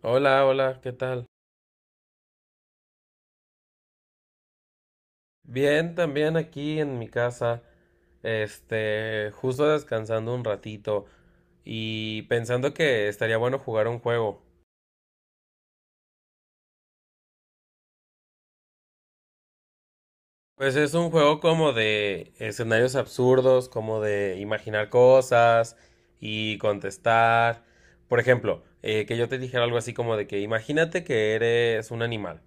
Hola, hola, ¿qué tal? Bien, también aquí en mi casa, justo descansando un ratito y pensando que estaría bueno jugar un juego. Pues es un juego como de escenarios absurdos, como de imaginar cosas y contestar. Por ejemplo, que yo te dijera algo así como de que imagínate que eres un animal.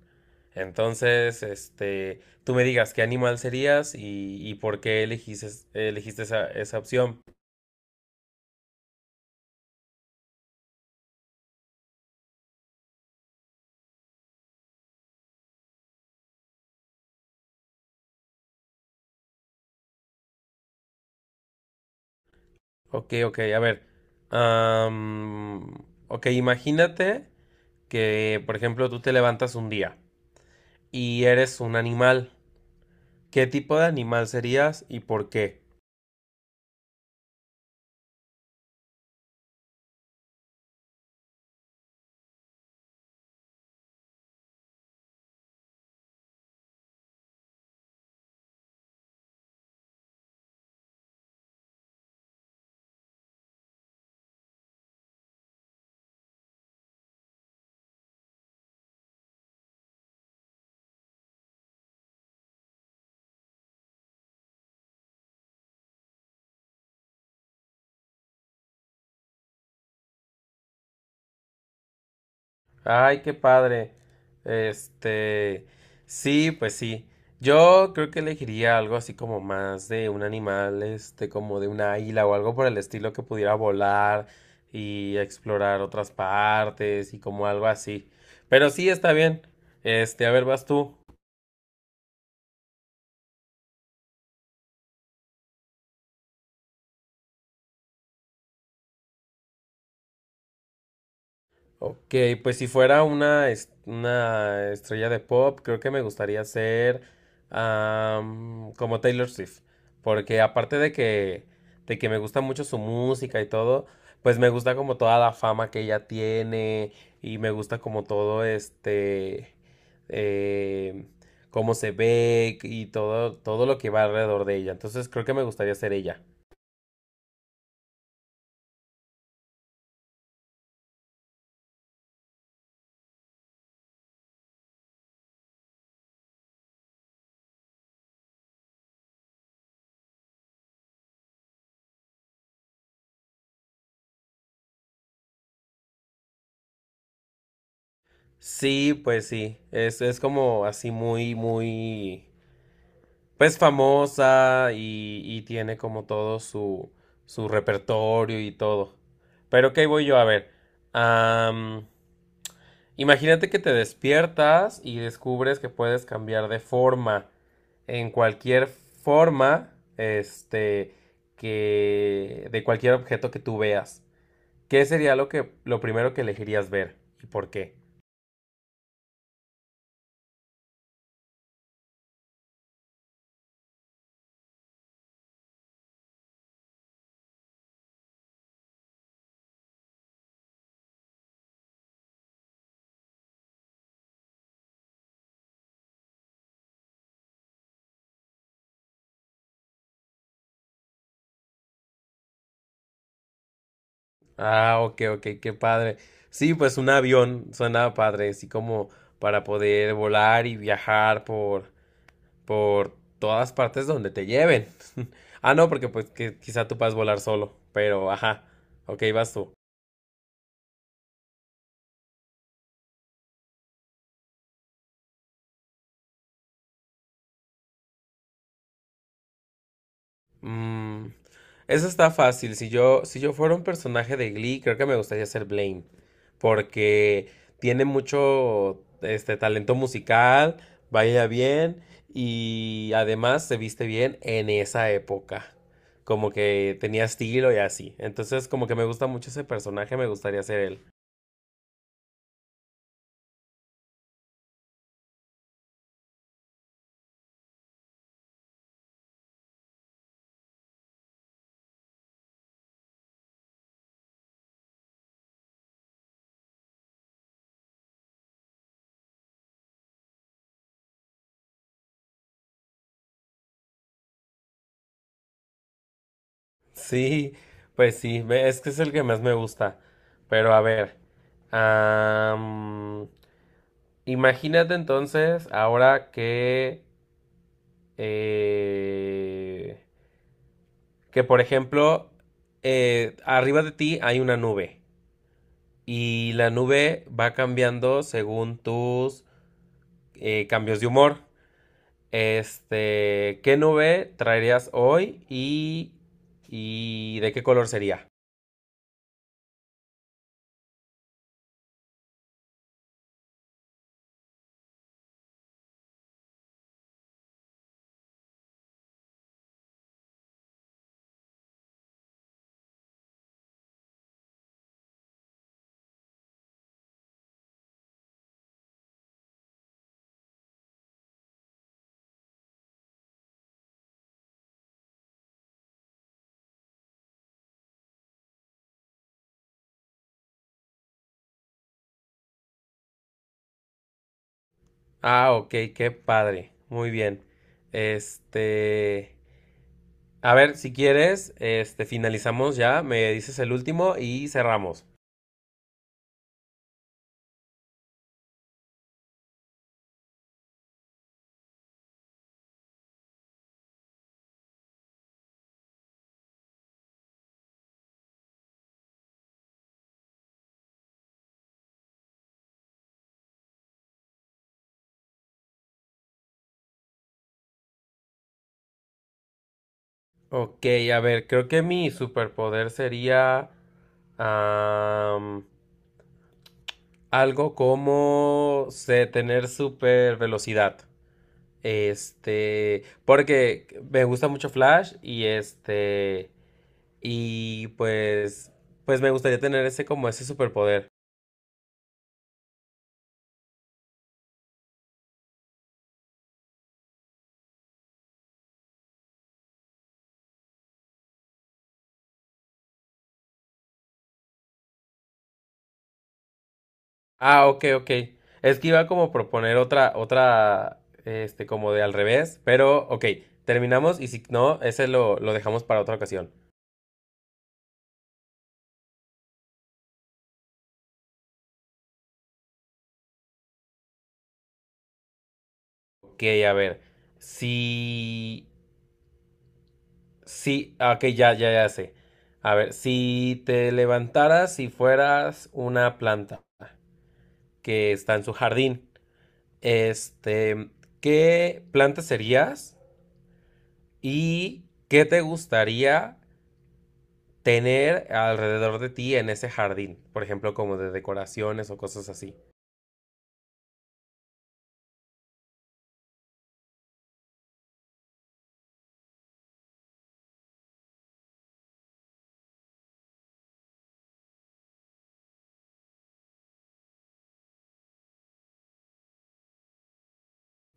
Entonces, tú me digas qué animal serías y por qué elegiste esa opción. Ok, ok, a ver. am, ok, imagínate que, por ejemplo, tú te levantas un día y eres un animal. ¿Qué tipo de animal serías y por qué? Ay, qué padre. Este, sí, pues sí. Yo creo que elegiría algo así como más de un animal, como de una águila o algo por el estilo que pudiera volar y explorar otras partes y como algo así. Pero sí, está bien. Este, a ver, vas tú. Ok, pues si fuera una, una estrella de pop, creo que me gustaría ser como Taylor Swift, porque aparte de que me gusta mucho su música y todo, pues me gusta como toda la fama que ella tiene y me gusta como todo eh, cómo se ve y todo, todo lo que va alrededor de ella. Entonces creo que me gustaría ser ella. Sí, pues sí, es como así muy... pues famosa y tiene como todo su repertorio y todo. Pero ¿qué voy yo a ver? am, Imagínate que te despiertas y descubres que puedes cambiar de forma. En cualquier forma, que, de cualquier objeto que tú veas. ¿Qué sería lo primero que elegirías ver? ¿Y por qué? Ah, ok, ok, qué padre. Sí, pues un avión suena padre, así como para poder volar y viajar por todas partes donde te lleven. Ah, no, porque pues que quizá tú puedas volar solo, pero ajá. Ok, vas tú. Mm, eso está fácil. Si yo fuera un personaje de Glee, creo que me gustaría ser Blaine. Porque tiene mucho este talento musical, baila bien y además se viste bien en esa época. Como que tenía estilo y así. Entonces, como que me gusta mucho ese personaje, me gustaría ser él. Sí, pues sí, es que es el que más me gusta. Pero a ver. am, Imagínate entonces ahora eh, que por ejemplo, arriba de ti hay una nube y la nube va cambiando según tus cambios de humor. Este, ¿qué nube traerías hoy y de qué color sería? Ah, ok, qué padre. Muy bien. Este, a ver, si quieres, finalizamos ya, me dices el último y cerramos. Ok, a ver, creo que mi superpoder sería am, algo como sé, tener super velocidad. Este, porque me gusta mucho Flash y pues, pues me gustaría tener ese como ese superpoder. Ah, ok, ok. Es que iba como a proponer otra, como de al revés, pero ok, terminamos y si no, ese lo dejamos para otra ocasión. Ok, a ver. Si. Si. Ok, ya sé. A ver, si te levantaras y fueras una planta que está en su jardín, este, ¿qué planta serías y qué te gustaría tener alrededor de ti en ese jardín? Por ejemplo, como de decoraciones o cosas así.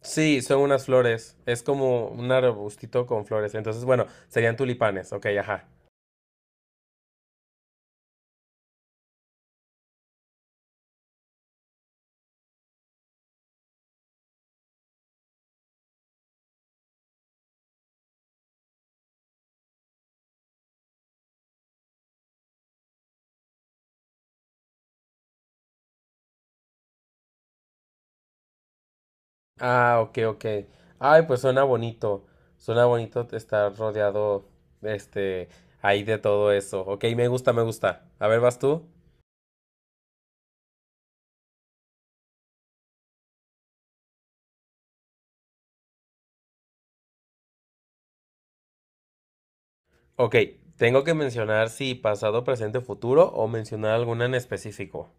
Sí, son unas flores. Es como un arbustito con flores. Entonces, bueno, serían tulipanes. Ok, ajá. Ah, ok, ok. Ay, pues suena bonito. Suena bonito estar rodeado, este, ahí de todo eso. Ok, me gusta, me gusta. A ver, ¿vas tú? Ok, tengo que mencionar si pasado, presente, futuro o mencionar alguna en específico.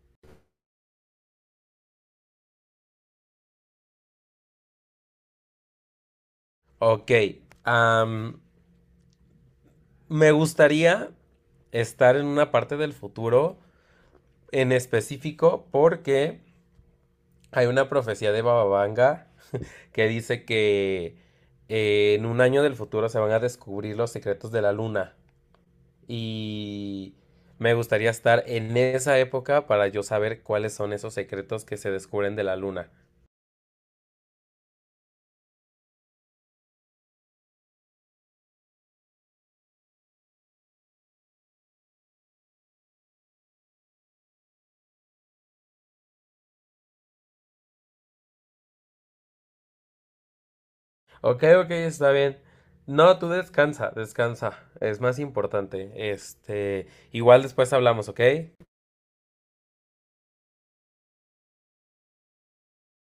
Ok, am, me gustaría estar en una parte del futuro en específico porque hay una profecía de Bababanga que dice que en un año del futuro se van a descubrir los secretos de la luna y me gustaría estar en esa época para yo saber cuáles son esos secretos que se descubren de la luna. Ok, ok, está bien. No, tú descansa, descansa. Es más importante. Este, igual después hablamos, ¿ok?